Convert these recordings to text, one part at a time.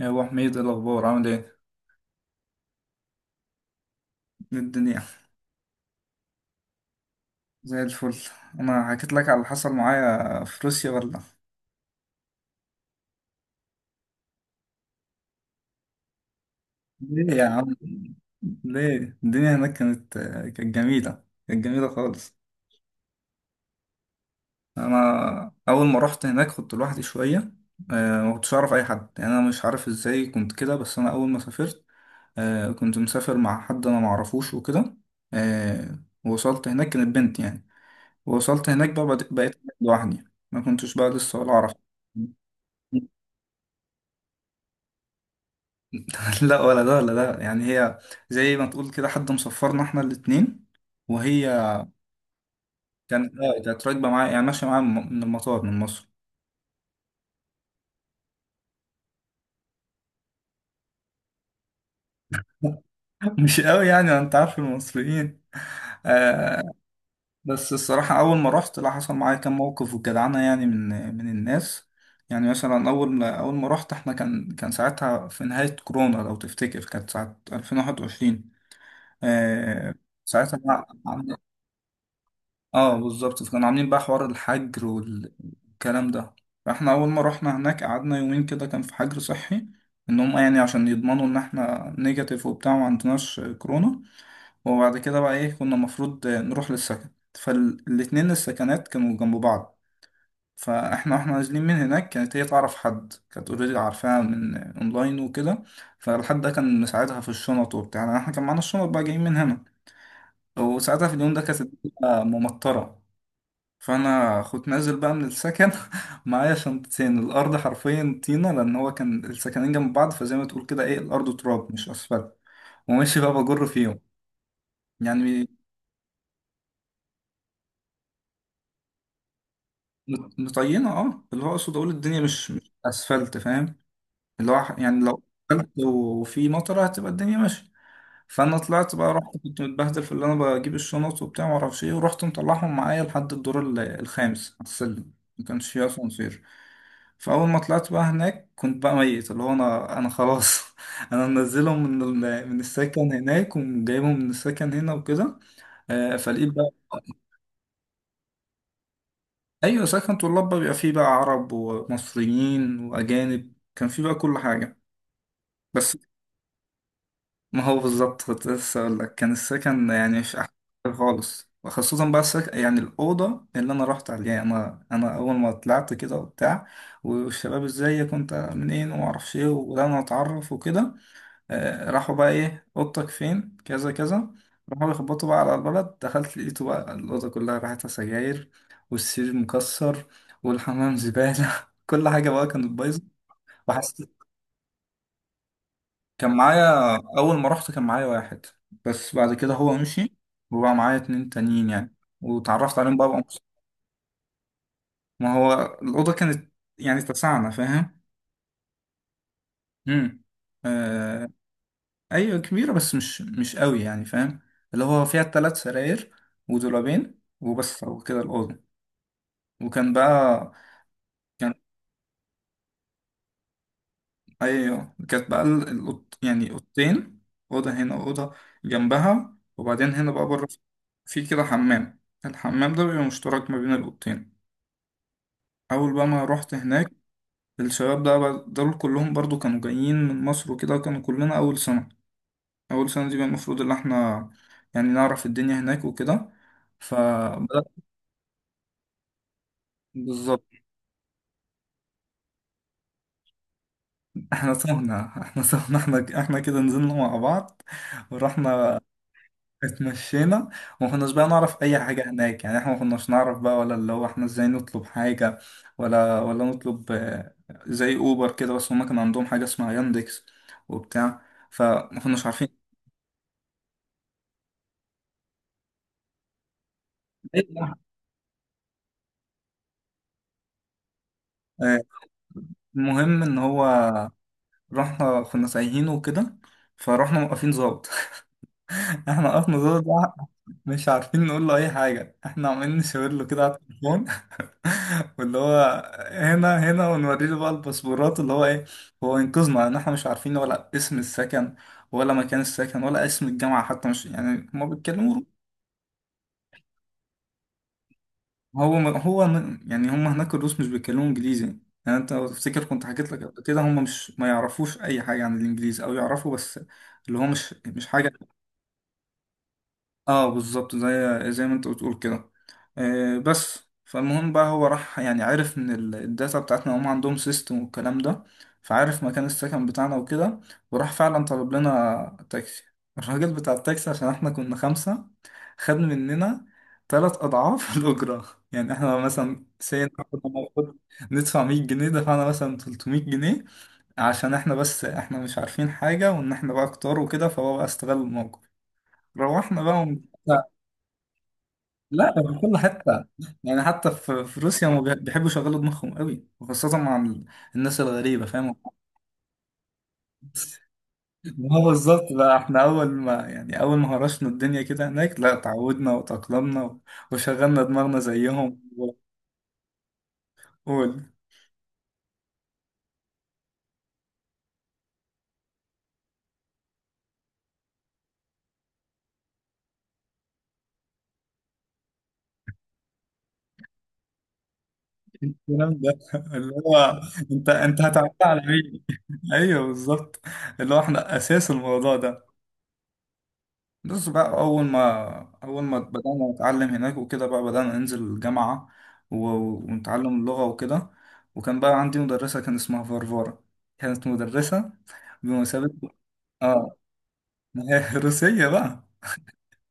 يا ابو حميد، إيه الاخبار؟ عامل ايه؟ إيه الدنيا؟ زي الفل. انا حكيت لك على اللي حصل معايا في روسيا ولا؟ ليه يا عم؟ ليه؟ الدنيا هناك كانت، كانت جميله خالص. انا اول ما رحت هناك كنت لوحدي شويه. ما كنتش اعرف اي حد، يعني انا مش عارف ازاي كنت كده، بس انا اول ما سافرت كنت مسافر مع حد انا ما اعرفوش وكده. آه، ووصلت هناك كانت بنت يعني، ووصلت هناك بقى بد- بقيت لوحدي، ما كنتش بقى لسه ولا اعرف. لا، ولا ده ولا ده يعني، هي زي ما تقول كده حد مصفرنا احنا الاتنين، وهي كانت، اه كانت راكبه معايا، يعني ماشيه معايا من المطار من مصر. مش قوي، يعني ما انت عارف المصريين. آه. بس الصراحه اول ما رحت لا حصل معايا كام موقف وجدعنه، يعني من من الناس. يعني مثلا اول ما رحت احنا كان، ساعتها في نهايه كورونا لو تفتكر، كانت ساعه 2021. آه. ساعتها اه بالظبط، فكانوا عاملين بقى حوار الحجر والكلام ده. فاحنا اول ما رحنا هناك قعدنا يومين كده كان في حجر صحي، ان هم يعني عشان يضمنوا ان احنا نيجاتيف وبتاع وما عندناش كورونا. وبعد كده بقى ايه، كنا المفروض نروح للسكن، فالاتنين السكنات كانوا جنب بعض. فاحنا واحنا نازلين من هناك كانت هي تعرف حد، كانت اوريدي عارفاها من اونلاين وكده. فالحد ده كان مساعدها في الشنط وبتاع، يعني احنا كان معانا الشنط بقى جايين من هنا. وساعتها في اليوم ده كانت الدنيا ممطرة. فانا كنت نازل بقى من السكن، معايا شنطتين، الارض حرفيا طينه، لان هو كان السكنين جنب بعض، فزي ما تقول كده ايه، الارض تراب مش اسفلت، وماشي بقى بجر فيهم. يعني مطينه، اه، اللي هو اقصد اقول الدنيا مش اسفلت، فاهم؟ اللي هو يعني لو اسفلت وفي مطره هتبقى الدنيا ماشيه. فانا طلعت بقى، رحت كنت متبهدل في اللي انا بجيب الشنط وبتاع، ما اعرفش ايه، ورحت مطلعهم معايا لحد الدور الخامس على السلم، ما كانش فيه اسانسير. فاول ما طلعت بقى هناك كنت بقى ميت، اللي هو انا خلاص. انا منزلهم من من السكن هناك، وجايبهم من السكن هنا وكده. فلقيت بقى، ايوه سكن طلاب بقى، بيبقى فيه بقى عرب ومصريين واجانب، كان فيه بقى كل حاجه. بس، ما هو بالظبط كنت لسه أقول لك، كان السكن يعني مش أحسن حاجة خالص. وخصوصا بقى السكن يعني، الأوضة اللي أنا رحت عليها، أنا أول ما طلعت كده وبتاع، والشباب إزيك وأنت منين وما أعرفش إيه، وبدأنا نتعرف وكده. آه، راحوا بقى إيه، أوضتك فين كذا كذا، راحوا يخبطوا بقى على البلد. دخلت لقيته بقى الأوضة كلها ريحتها سجاير، والسرير مكسر، والحمام زبالة، كل حاجة بقى كانت بايظة. وحسيت، كان معايا أول ما رحت كان معايا واحد، بس بعد كده هو مشي، وبقى معايا اتنين تانيين يعني، واتعرفت عليهم بقى، بقى مبسوط. ما هو الأوضة كانت، يعني اتسعنا، فاهم؟ امم. آه. أيوة كبيرة بس مش قوي يعني، فاهم؟ اللي هو فيها تلات سراير ودولابين وبس وكده الأوضة. وكان بقى، ايوه كانت بقى الأوض، يعني اوضتين، اوضه هنا واوضه جنبها، وبعدين هنا بقى بره في كده حمام، الحمام ده بيبقى مشترك ما بين الاوضتين. اول بقى ما رحت هناك، الشباب ده دول كلهم برضو كانوا جايين من مصر وكده، كانوا كلنا اول سنه. اول سنه دي بقى المفروض ان احنا يعني نعرف الدنيا هناك وكده. ف، بالظبط. احنا تهنا احنا تهنا احنا احنا كده، نزلنا مع بعض ورحنا اتمشينا، وما كناش بقى نعرف اي حاجه هناك، يعني احنا ما كناش نعرف بقى ولا، اللي هو احنا ازاي نطلب حاجه، ولا نطلب. زي اوبر كده، بس هما كان عندهم حاجه اسمها ياندكس وبتاع، فما كناش عارفين. آه، المهم ان هو رحنا كنا سايحين وكده، فرحنا موقفين ظابط. احنا وقفنا ظابط مش عارفين نقول له اي حاجه، احنا عمالين نشاور له كده على التليفون، واللي هو هنا ونوري له بقى الباسبورات، اللي هو ايه، هو ينقذنا، لان احنا مش عارفين ولا اسم السكن، ولا مكان السكن، ولا اسم الجامعه حتى، مش يعني، هما بيتكلموا يعني هما هناك الروس مش بيتكلموا انجليزي. يعني انت لو تفتكر كنت حكيت لك قبل كده، هما مش ما يعرفوش اي حاجه عن الانجليزي، او يعرفوا بس اللي هو مش حاجه. اه بالظبط، زي ما انت بتقول كده. آه بس، فالمهم بقى هو راح يعني عرف من الداتا بتاعتنا، هم عندهم سيستم والكلام ده، فعارف مكان السكن بتاعنا وكده، وراح فعلا طلب لنا تاكسي. الراجل بتاع التاكسي عشان احنا كنا خمسة، خد مننا تلات أضعاف الأجرة، يعني احنا مثلا سين كنا المفروض ندفع 100 جنيه، دفعنا مثلا 300 جنيه، عشان احنا بس احنا مش عارفين حاجة، وان احنا بقى كتار وكده، فهو بقى استغل الموقف. روحنا بقى، لا ده في كل حتة، يعني حتى في روسيا هم بيحبوا يشغلوا دماغهم قوي، وخاصة مع الناس الغريبة، فاهم؟ ما هو بالظبط بقى احنا أول ما يعني، أول ما هرشنا الدنيا كده هناك، لا اتعودنا وتأقلمنا و، وشغلنا دماغنا زيهم و، والكلام ده. اللي هو، انت هتعملها على مين؟ ايوه بالظبط، اللي هو احنا أساس الموضوع ده. بس بقى أول ما، أول ما بدأنا نتعلم هناك وكده، بقى بدأنا ننزل الجامعة و، ونتعلم اللغة وكده. وكان بقى عندي مدرسة كان اسمها فارفارا، كانت مدرسة بمثابة، آه، ما هي روسية بقى.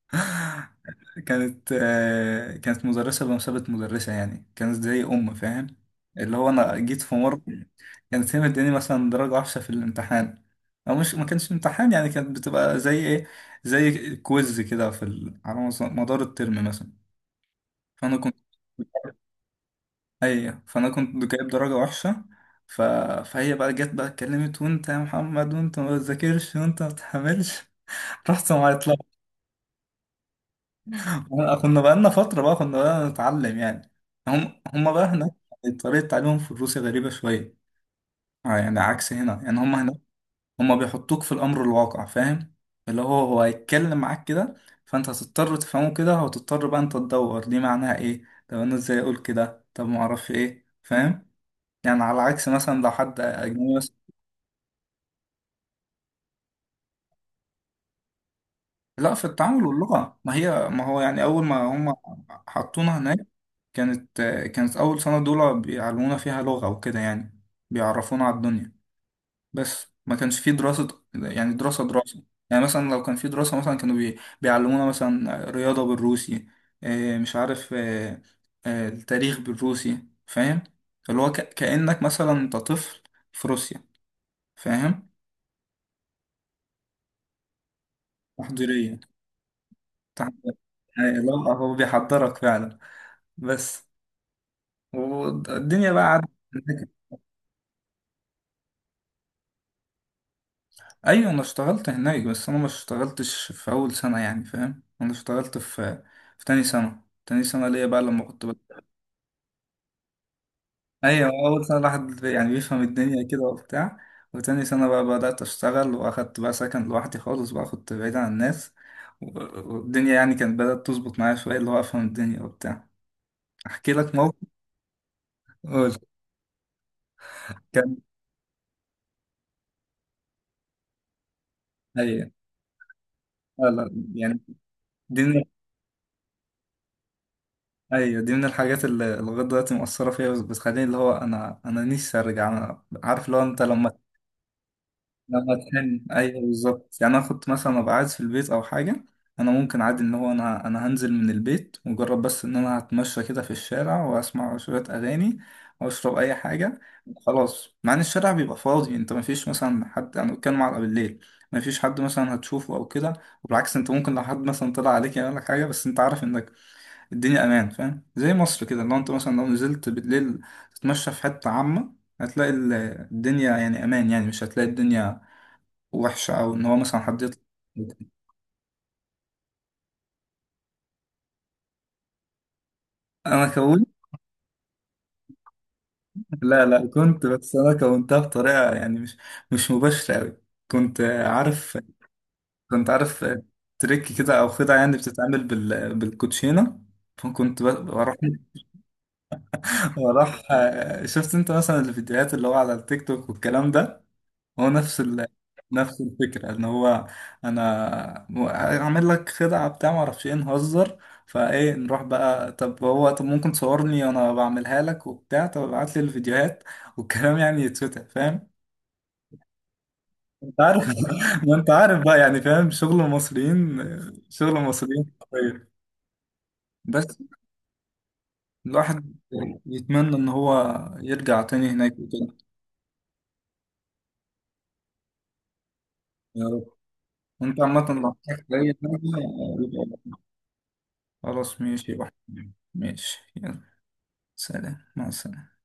كانت، كانت مدرسة بمثابة مدرسة يعني، كانت زي أم، فاهم؟ اللي هو أنا جيت في مرة كانت هي مداني مثلا درجة وحشة في الامتحان، أو مش ما كانش امتحان يعني، كانت بتبقى زي إيه، زي كويز كده في ال، على مدار الترم مثلا. فأنا كنت أي، فأنا كنت جايب درجة وحشة. ف، فهي بقى جت بقى اتكلمت، وأنت يا محمد وأنت ما بتذاكرش وأنت ما بتحملش، رحت معيط. كنا بقالنا فترة بقى كنا بقى نتعلم يعني، هم بقى هناك، طريقة تعليمهم في روسيا غريبة شوية. يعني عكس هنا يعني، هم هناك هم بيحطوك في الأمر الواقع، فاهم؟ اللي هو هو هيتكلم معاك كده، فأنت هتضطر تفهمه كده، وتضطر بقى أنت تدور دي معناها إيه، طب أنا إزاي أقول كده، طب معرفش إيه، فاهم؟ يعني على عكس مثلا لو حد أجنبي. لا في التعامل واللغة، ما هي ما هو يعني أول ما هم حطونا هناك، كانت، كانت أول سنة دول بيعلمونا فيها لغة وكده يعني، بيعرفونا على الدنيا. بس ما كانش في دراسة، يعني دراسة. يعني مثلا لو كان في دراسة، مثلا كانوا بيعلمونا مثلا رياضة بالروسي، مش عارف، التاريخ بالروسي، فاهم؟ اللي هو كأنك مثلا أنت طفل في روسيا، فاهم؟ تحضيرية. تحضيرية، يعني اللي هو هو بيحضرك فعلا. بس، والدنيا بقى عدت هناك. ايوه انا اشتغلت هناك، بس انا ما اشتغلتش في اول سنه يعني، فاهم؟ انا اشتغلت في، في تاني سنه، تاني سنه ليا بقى لما كنت بقى. ايوه، اول سنه الواحد يعني بيفهم الدنيا كده وبتاع، وتاني سنه بقى بدات اشتغل، واخدت بقى سكن لوحدي خالص بقى، كنت بعيد عن الناس و، والدنيا يعني كانت بدات تظبط معايا شويه، اللي هو افهم الدنيا وبتاع. احكي لك موقف. قول. كان، ايوه. لا لا يعني الدنيا، ايوه دي من الحاجات اللي لغايه دلوقتي مؤثره فيا، بس بتخليني اللي هو انا نفسي ارجع، انا عارف اللي هو انت لما، لما تحن. ايوه بالظبط، يعني انا كنت مثلا ابقى قاعد في البيت او حاجه، انا ممكن عادي ان هو انا، انا هنزل من البيت مجرد بس ان انا هتمشى كده في الشارع، واسمع شويه اغاني واشرب اي حاجه، خلاص. مع ان الشارع بيبقى فاضي، انت مفيش مثلا حد، انا بتكلم على بالليل، مفيش حد مثلا هتشوفه او كده. وبالعكس انت ممكن لو حد مثلا طلع عليك يعمل لك حاجه، بس انت عارف انك الدنيا امان، فاهم؟ زي مصر كده، لو انت مثلا لو نزلت بالليل تتمشى في حته عامه، هتلاقي الدنيا يعني امان، يعني مش هتلاقي الدنيا وحشه، او ان هو مثلا حد يطلع. انا كونت، لا لا كنت، بس انا كونتها بطريقه يعني مش مباشره قوي. كنت عارف، كنت عارف تريك كده او خدعه، يعني بتتعمل بال، بالكوتشينه. فكنت بروح، بروح، شفت انت مثلا الفيديوهات اللي هو على التيك توك والكلام ده، هو نفس ال، نفس الفكرة ان هو، انا اعمل لك خدعة بتاع ما اعرفش ايه نهزر، فايه نروح بقى، طب هو طب ممكن تصورني وانا بعملها لك وبتاع، طب ابعت لي الفيديوهات والكلام، يعني يتفتح، فاهم؟ انت عارف. ما انت عارف بقى، يعني فاهم شغل المصريين، شغل المصريين حرفيا. بس، الواحد يتمنى ان هو يرجع تاني هناك وكده. يا رب. وانت عامة لو احتجت اي حاجة يبقى. خلاص ماشي يا وحيد. ماشي يلا. سلام مع السلامة.